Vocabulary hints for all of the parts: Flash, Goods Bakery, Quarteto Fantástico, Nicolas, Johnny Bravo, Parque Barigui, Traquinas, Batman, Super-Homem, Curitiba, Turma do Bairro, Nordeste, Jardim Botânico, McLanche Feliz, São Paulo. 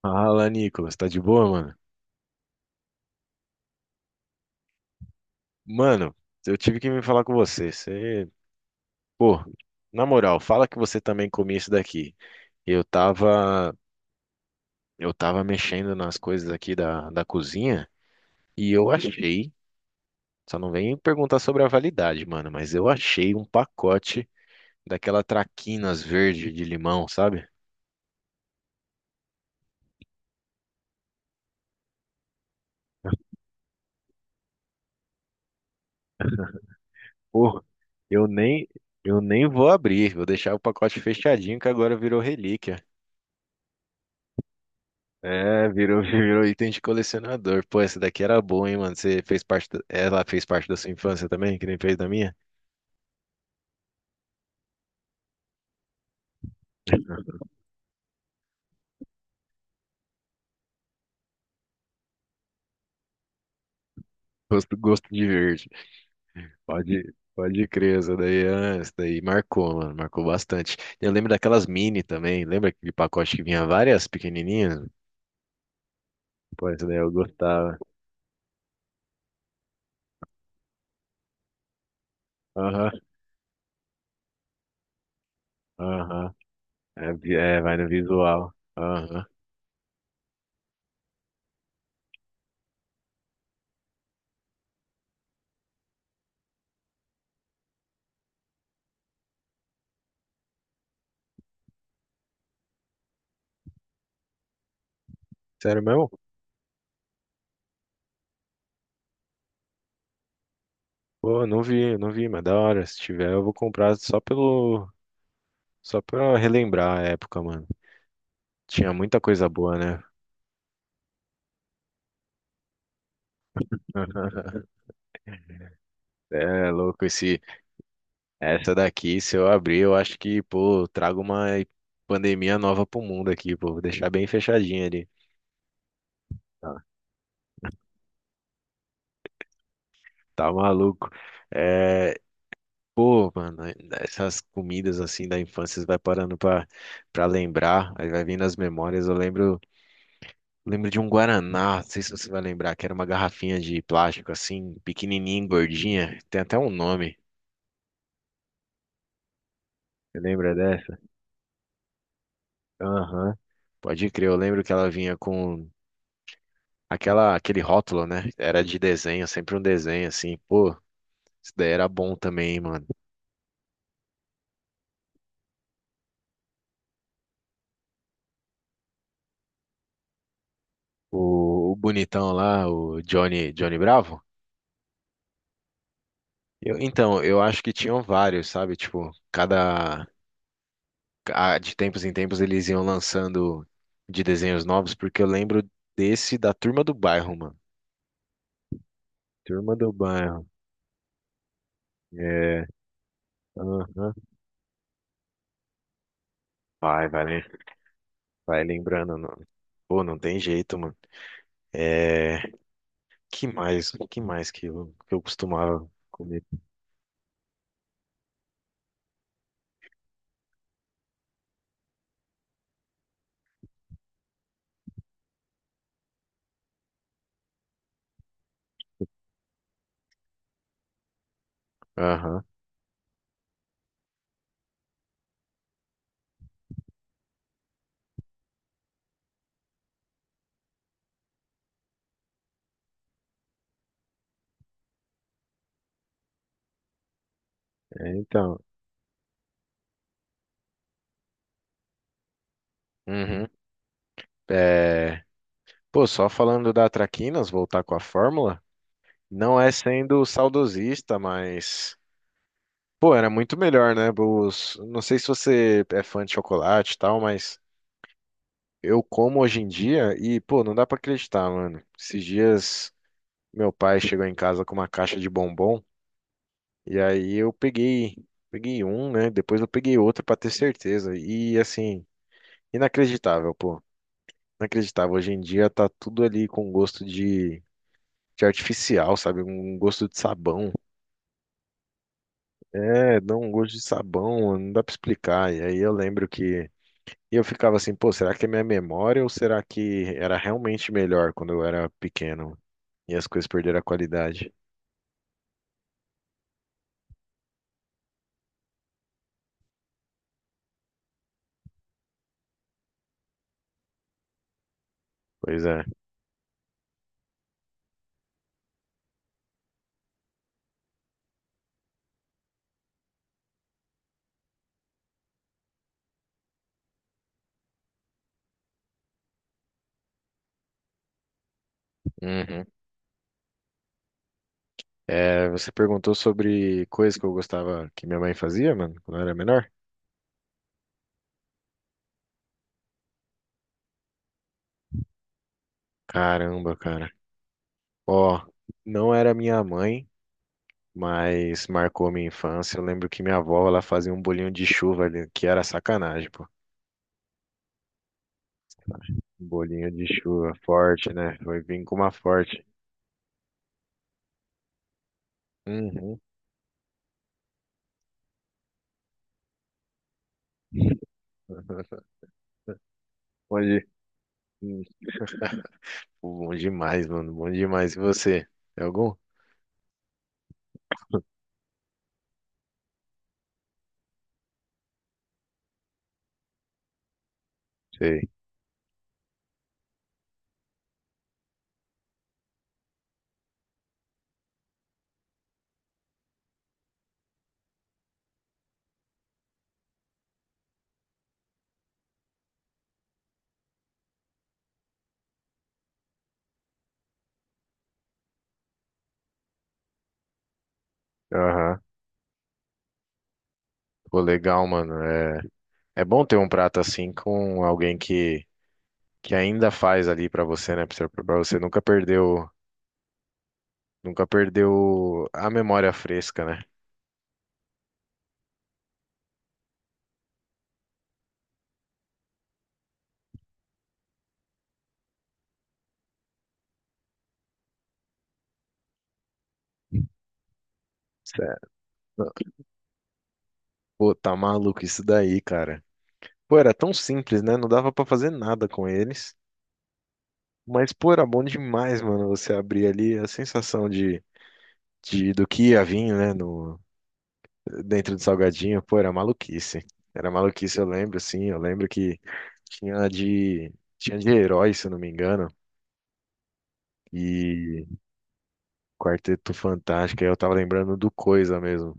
Fala, Nicolas, tá de boa, mano? Mano, eu tive que me falar com você. Você, pô, na moral, fala que você também comia isso daqui. Eu tava, eu tava mexendo nas coisas aqui da cozinha e eu achei, só não vem perguntar sobre a validade, mano, mas eu achei um pacote daquela traquinas verde de limão, sabe? Pô, eu nem, eu nem vou abrir, vou deixar o pacote fechadinho que agora virou relíquia. É, virou, virou item de colecionador. Pô, essa daqui era boa, hein, mano? Você fez parte. Ela fez parte da sua infância também, que nem fez da minha? Gosto de verde. Pode crer, essa daí, essa daí marcou, mano. Marcou bastante. Eu lembro daquelas mini também. Lembra aquele pacote que vinha várias pequenininhas? Pô, essa daí eu gostava. Aham, aham. É, vai no visual. Aham. Sério mesmo? Pô, não vi, mas da hora. Se tiver, eu vou comprar só pelo. Só pra relembrar a época, mano. Tinha muita coisa boa, né? É louco esse essa daqui, se eu abrir, eu acho que, pô, eu trago uma pandemia nova pro mundo aqui, pô, vou deixar bem fechadinha ali. Tá, tá maluco. É, pô, mano, essas comidas assim da infância você vai parando pra lembrar, aí vai vindo as memórias. Lembro de um guaraná, não sei se você vai lembrar, que era uma garrafinha de plástico assim, pequenininha, gordinha, tem até um nome. Você lembra. Aham. Pode crer, eu lembro que ela vinha com aquele rótulo, né? Era de desenho, sempre um desenho assim. Pô, isso daí era bom também, hein, mano. O bonitão lá, o Johnny Bravo. Então, eu acho que tinham vários, sabe? Tipo, de tempos em tempos eles iam lançando de desenhos novos, porque eu lembro desse da Turma do Bairro, mano. Turma do Bairro. É, aham. Vai, vai, lem- vai lembrando. Pô, não tem jeito, mano. É. Que mais? O que mais que que eu costumava comer? Aham, é, então. Uhum. É, pô, só falando da Traquinas, voltar com a fórmula, não é sendo saudosista, mas. Pô, era muito melhor, né? Os, não sei se você é fã de chocolate e tal, mas eu como hoje em dia e, pô, não dá pra acreditar, mano. Esses dias meu pai chegou em casa com uma caixa de bombom e aí peguei um, né? Depois eu peguei outro pra ter certeza. E assim. Inacreditável, pô. Inacreditável. Hoje em dia tá tudo ali com gosto de artificial, sabe? Um gosto de sabão. É, dá um gosto de sabão, não dá pra explicar. E aí eu lembro que. E eu ficava assim, pô, será que é minha memória ou será que era realmente melhor quando eu era pequeno e as coisas perderam a qualidade? Pois é. Uhum. É, você perguntou sobre coisas que eu gostava que minha mãe fazia, mano, quando eu era menor? Caramba, cara. Ó, não era minha mãe, mas marcou minha infância. Eu lembro que minha avó, ela fazia um bolinho de chuva ali, que era sacanagem, pô. Um bolinho de chuva forte, né? Foi vir com uma forte. Uhum. Bom, de- hum, bom demais, mano. Bom demais. E você? Tem algum? Sei. Aham. Pô, legal, mano. É, é bom ter um prato assim com alguém que ainda faz ali pra você, né? Pra você nunca perdeu, nunca perdeu a memória fresca, né? Certo. Pô, tá maluco isso daí, cara. Pô, era tão simples, né? Não dava pra fazer nada com eles. Mas, pô, era bom demais, mano, você abrir ali a sensação de do que ia vir, né, no, dentro do salgadinho. Pô, era maluquice. Era maluquice, eu lembro, sim. Eu lembro que tinha de, tinha de herói, se eu não me engano. E Quarteto Fantástico, aí eu tava lembrando do Coisa mesmo.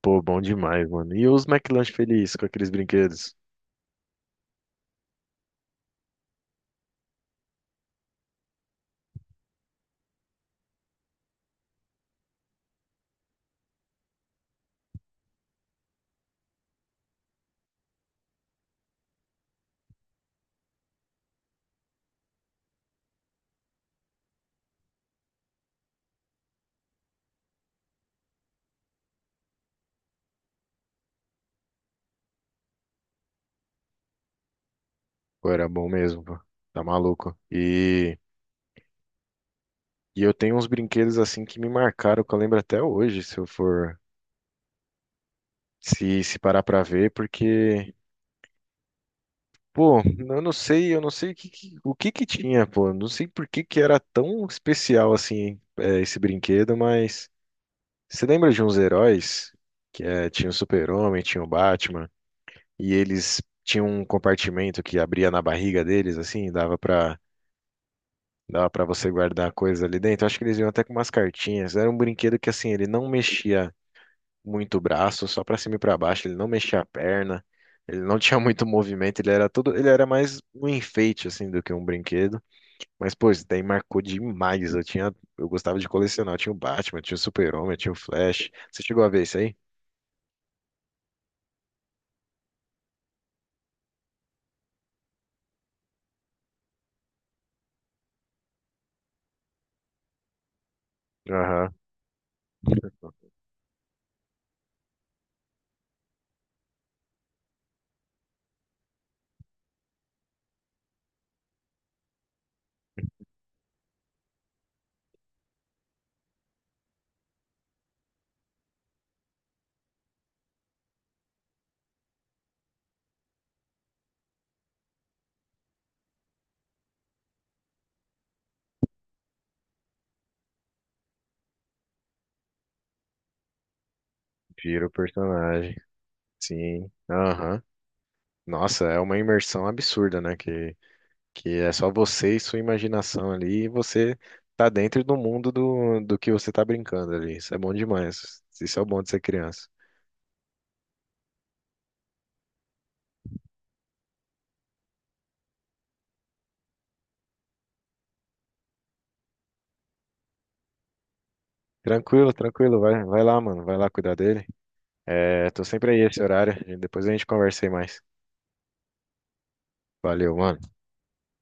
Pô, bom demais, mano. E os McLanche Feliz com aqueles brinquedos. Pô, era bom mesmo, pô. Tá maluco. E. E eu tenho uns brinquedos assim que me marcaram, que eu lembro até hoje, se eu for se parar pra ver, porque, pô, eu não sei o o que que tinha, pô, não sei por que que era tão especial assim, é, esse brinquedo, mas você lembra de uns heróis que tinha o Super-Homem, tinha o Batman, e eles tinham um compartimento que abria na barriga deles assim, e dava para você guardar coisas ali dentro. Acho que eles vinham até com umas cartinhas. Era um brinquedo que assim, ele não mexia muito braço, só pra cima e pra baixo, ele não mexia a perna, ele não tinha muito movimento, ele era todo, ele era mais um enfeite assim do que um brinquedo. Mas pô, isso daí marcou demais. Eu tinha, eu gostava de colecionar, eu tinha o Batman, eu tinha o Super-Homem, eu tinha o Flash. Você chegou a ver isso aí? Aham. Vira o personagem. Sim. Aham. Nossa, é uma imersão absurda, né? Que é só você e sua imaginação ali, e você tá dentro do mundo do que você tá brincando ali. Isso é bom demais. Isso é o bom de ser criança. Tranquilo, tranquilo. Vai lá, mano. Vai lá cuidar dele. É, tô sempre aí esse horário. Depois a gente conversa aí mais. Valeu, mano.